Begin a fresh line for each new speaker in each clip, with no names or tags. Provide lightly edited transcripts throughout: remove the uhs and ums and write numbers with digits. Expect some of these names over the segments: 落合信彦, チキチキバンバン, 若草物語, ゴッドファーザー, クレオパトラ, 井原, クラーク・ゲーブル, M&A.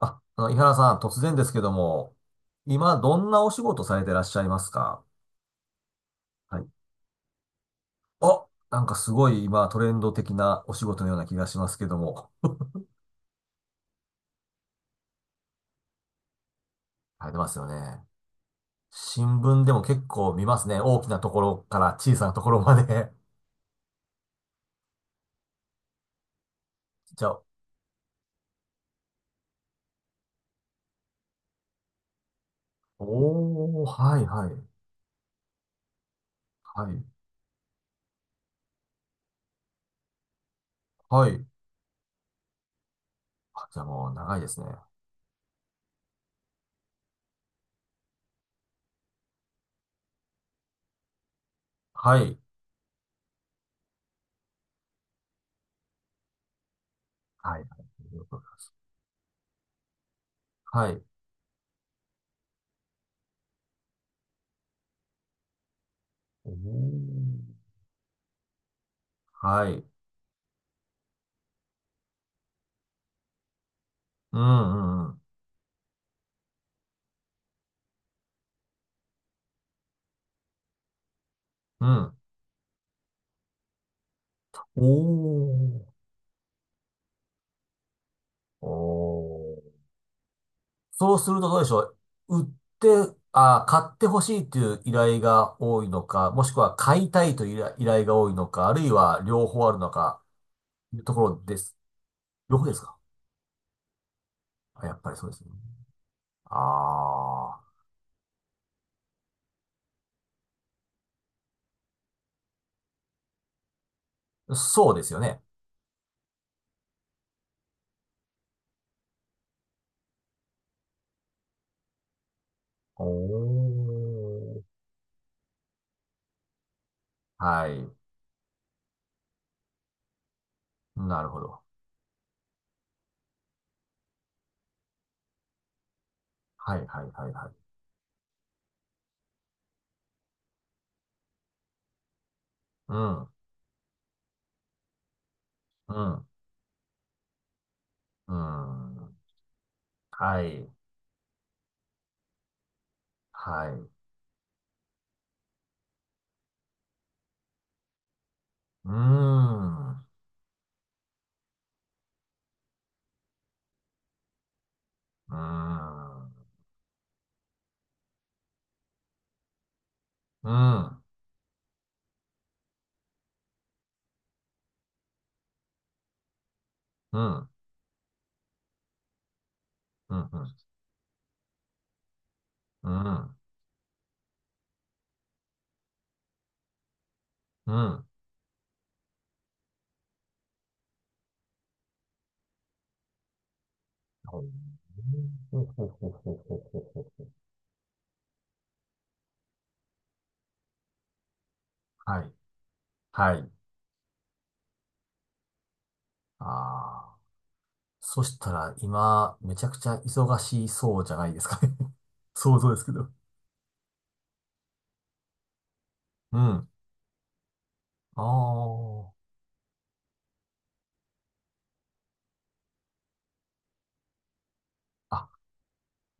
井原さん、突然ですけども、今、どんなお仕事されてらっしゃいますか？はい。あ、なんかすごい今、トレンド的なお仕事のような気がしますけども。されてますよね。新聞でも結構見ますね。大きなところから小さなところまで。じゃあ、おー、はいはい。はい。はい。あ、じゃあもう長いですね。はい。はい。はい。おー。はい。うんうんうん。うん。おー。おー。そうするとどうでしょう。売って、あ、買ってほしいという依頼が多いのか、もしくは買いたいという依頼が多いのか、あるいは両方あるのか、いうところです。両方ですか？あ、やっぱりそうですよね。ああ、そうですよね。おー。はい。なるほど。はい、はい、はい、はい。うん、うん、うん。はい、はい。うーん、うーん、うん、うん、うん、うん、うん。うんほうほうほうほうほうほうほうはい。はい。ああ。そしたら、今、めちゃくちゃ忙しそうじゃないですかね？ 想像ですけど。うん。ああ。あ、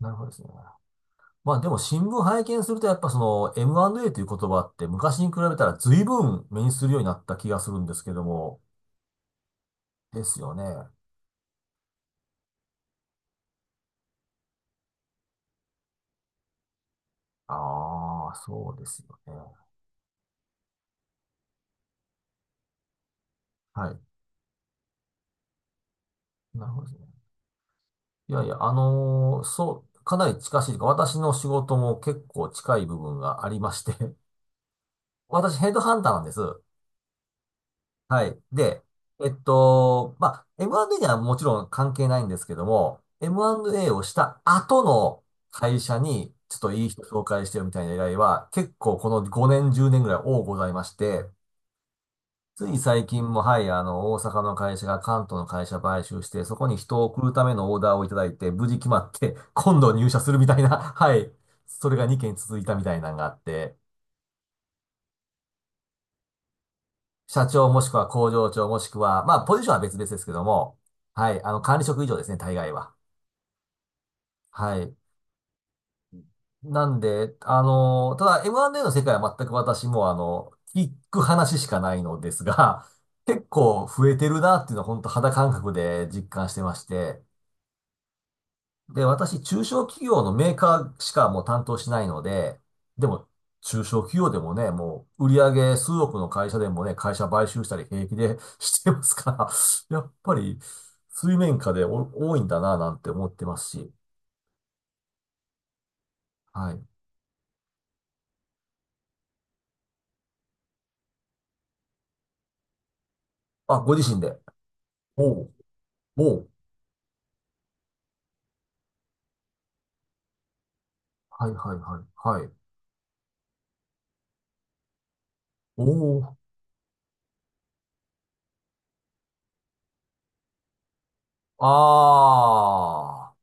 なるほどですね。まあでも新聞拝見するとやっぱその M&A という言葉って昔に比べたら随分目にするようになった気がするんですけども。ですよね。ああ、そうですよね。はい。なるほどですね。いやいや、あのーそう、かなり近しいというか、私の仕事も結構近い部分がありまして。 私ヘッドハンターなんです。はい。で、まあ、M&A にはもちろん関係ないんですけども、M&A をした後の会社に、ちょっといい人紹介してよみたいな依頼は、結構この5年、10年ぐらい多ございまして、つい最近も、はい、あの、大阪の会社が関東の会社買収して、そこに人を送るためのオーダーをいただいて、無事決まって、今度入社するみたいな、はい、それが2件続いたみたいなのがあって、社長もしくは工場長もしくは、まあ、ポジションは別々ですけども、はい、あの、管理職以上ですね、大概は。はい。なんで、あの、ただ M&A の世界は全く私も、あの、聞く話しかないのですが、結構増えてるなっていうのは本当肌感覚で実感してまして、で、私、中小企業のメーカーしかもう担当しないので、でも、中小企業でもね、もう、売上数億の会社でもね、会社買収したり平気でしてますから、やっぱり、水面下でお多いんだな、なんて思ってますし、はい。あ、ご自身で。おう、おう、はいはいはい、はい。おう、あー。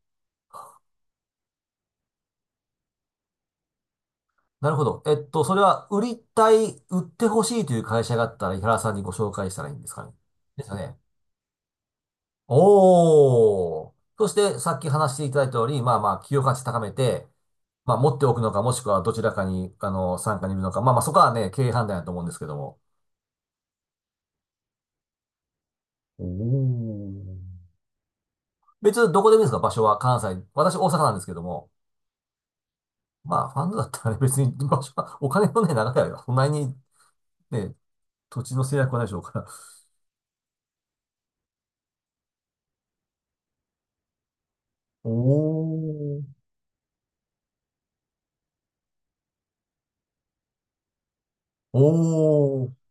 なるほど。それは、売りたい、売ってほしいという会社があったら、井原さんにご紹介したらいいんですかね？ですよね。おー。そして、さっき話していただいた通り、まあまあ、企業価値高めて、まあ、持っておくのか、もしくはどちらかに、あの、参加にいるのか。まあまあ、そこはね、経営判断だと思うんですけども。おー。別にどこでもいいですか、場所は？関西。私、大阪なんですけども。まあ、ファンドだったらね、別に場所は、お金のね、長いれは、そんなにね、土地の制約はないでしょうから。おー。おー。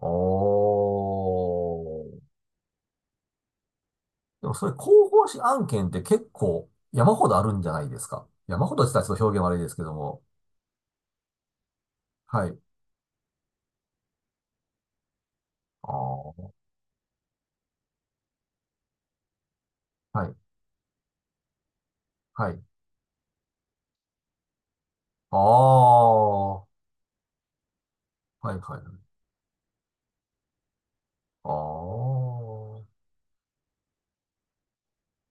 おー。でもそれ広報誌案件って結構山ほどあるんじゃないですか？山ほどって言ったらちょっと表現悪いですけども。はい。ああ、はい。はい。ああ、はいはいはい。ああ、は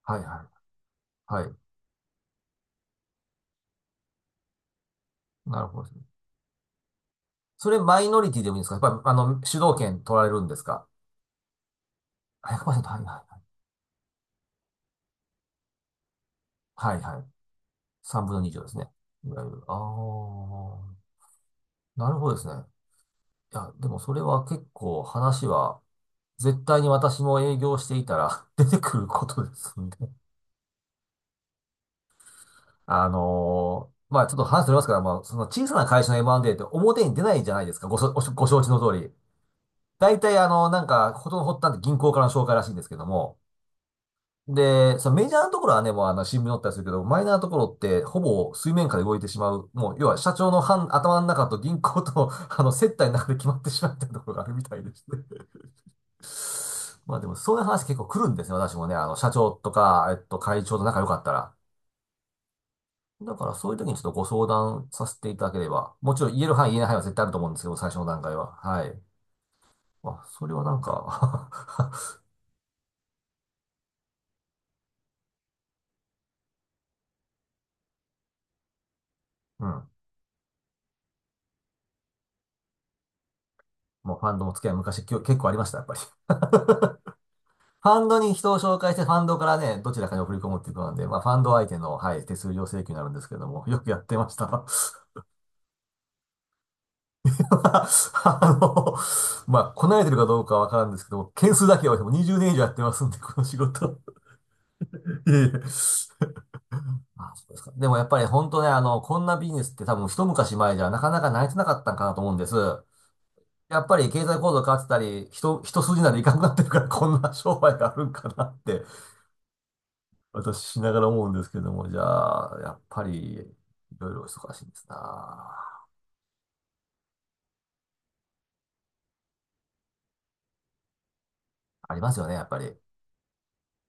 いはい。はい。なるほどですね。それマイノリティでもいいんですか？やっぱり、あの、主導権取られるんですか？ 100%、はいはいはい。はいはい。3分の2以上ですね。いわゆる。ああ、なるほどですね。いや、でもそれは結構話は絶対に私も営業していたら 出てくることですんで。あのーまあちょっと話ずれますから、まあその小さな会社の M&A って表に出ないじゃないですか、ご承知の通り。大体あの、なんか、ことの発端って銀行からの紹介らしいんですけども。で、そのメジャーなところはね、もうあの新聞に載ったりするけど、マイナーなところってほぼ水面下で動いてしまう。もう、要は社長の半頭の中と銀行と、あの、接待の中で決まってしまっているところがあるみたいですね。まあでも、そういう話結構来るんですね、私もね。あの、社長とか、会長と仲良かったら。だから、そういう時にちょっとご相談させていただければ。もちろん、言える範囲、言えない範囲は絶対あると思うんですけど、最初の段階は。はい。まあ、それはなんか。 うん。もうファンドの付き合い昔結構ありました、やっぱり。ファンドに人を紹介して、ファンドからね、どちらかに送り込むっていうことなんで、まあ、ファンド相手の、はい、手数料請求になるんですけども、よくやってました。あの、まあ、こなれてるかどうかはわからんですけども、件数だけはもう20年以上やってますんで、この仕事。いえいえ。あ、そうですか。でもやっぱり本当ね、あの、こんなビジネスって多分一昔前じゃなかなか成り立たなかったんかなと思うんです。やっぱり経済構造変わってたり、人、一筋縄でいかなくなってるからこんな商売があるんかなって、私しながら思うんですけども、じゃあ、やっぱり、いろいろ忙しいんですな。ありますよね、やっぱり。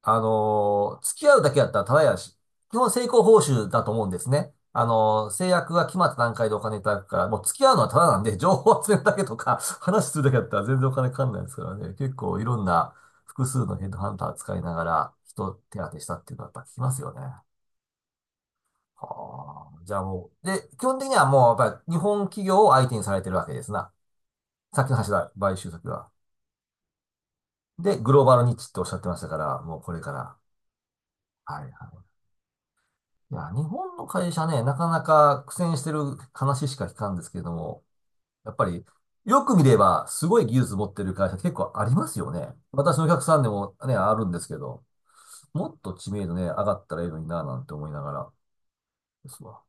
あのー付き合うだけだったらただやし、基本成功報酬だと思うんですね。あのー制約が決まった段階でお金いただくから、もう付き合うのはただなんで、情報を集めるだけとか、話するだけだったら全然お金かかんないですからね。結構いろんな複数のヘッドハンター使いながら、人手当てしたっていうのはやっぱ聞きますよね。はあ。じゃあもう、で、基本的にはもうやっぱり日本企業を相手にされてるわけですな。さっきの話だ、買収先は。で、グローバルニッチっておっしゃってましたから、もうこれから。はいはい。いや、日本の会社ね、なかなか苦戦してる話しか聞かんですけれども、やっぱり、よく見れば、すごい技術持ってる会社結構ありますよね。私のお客さんでもね、あるんですけど、もっと知名度ね、上がったらいいのにな、なんて思いながらですわ。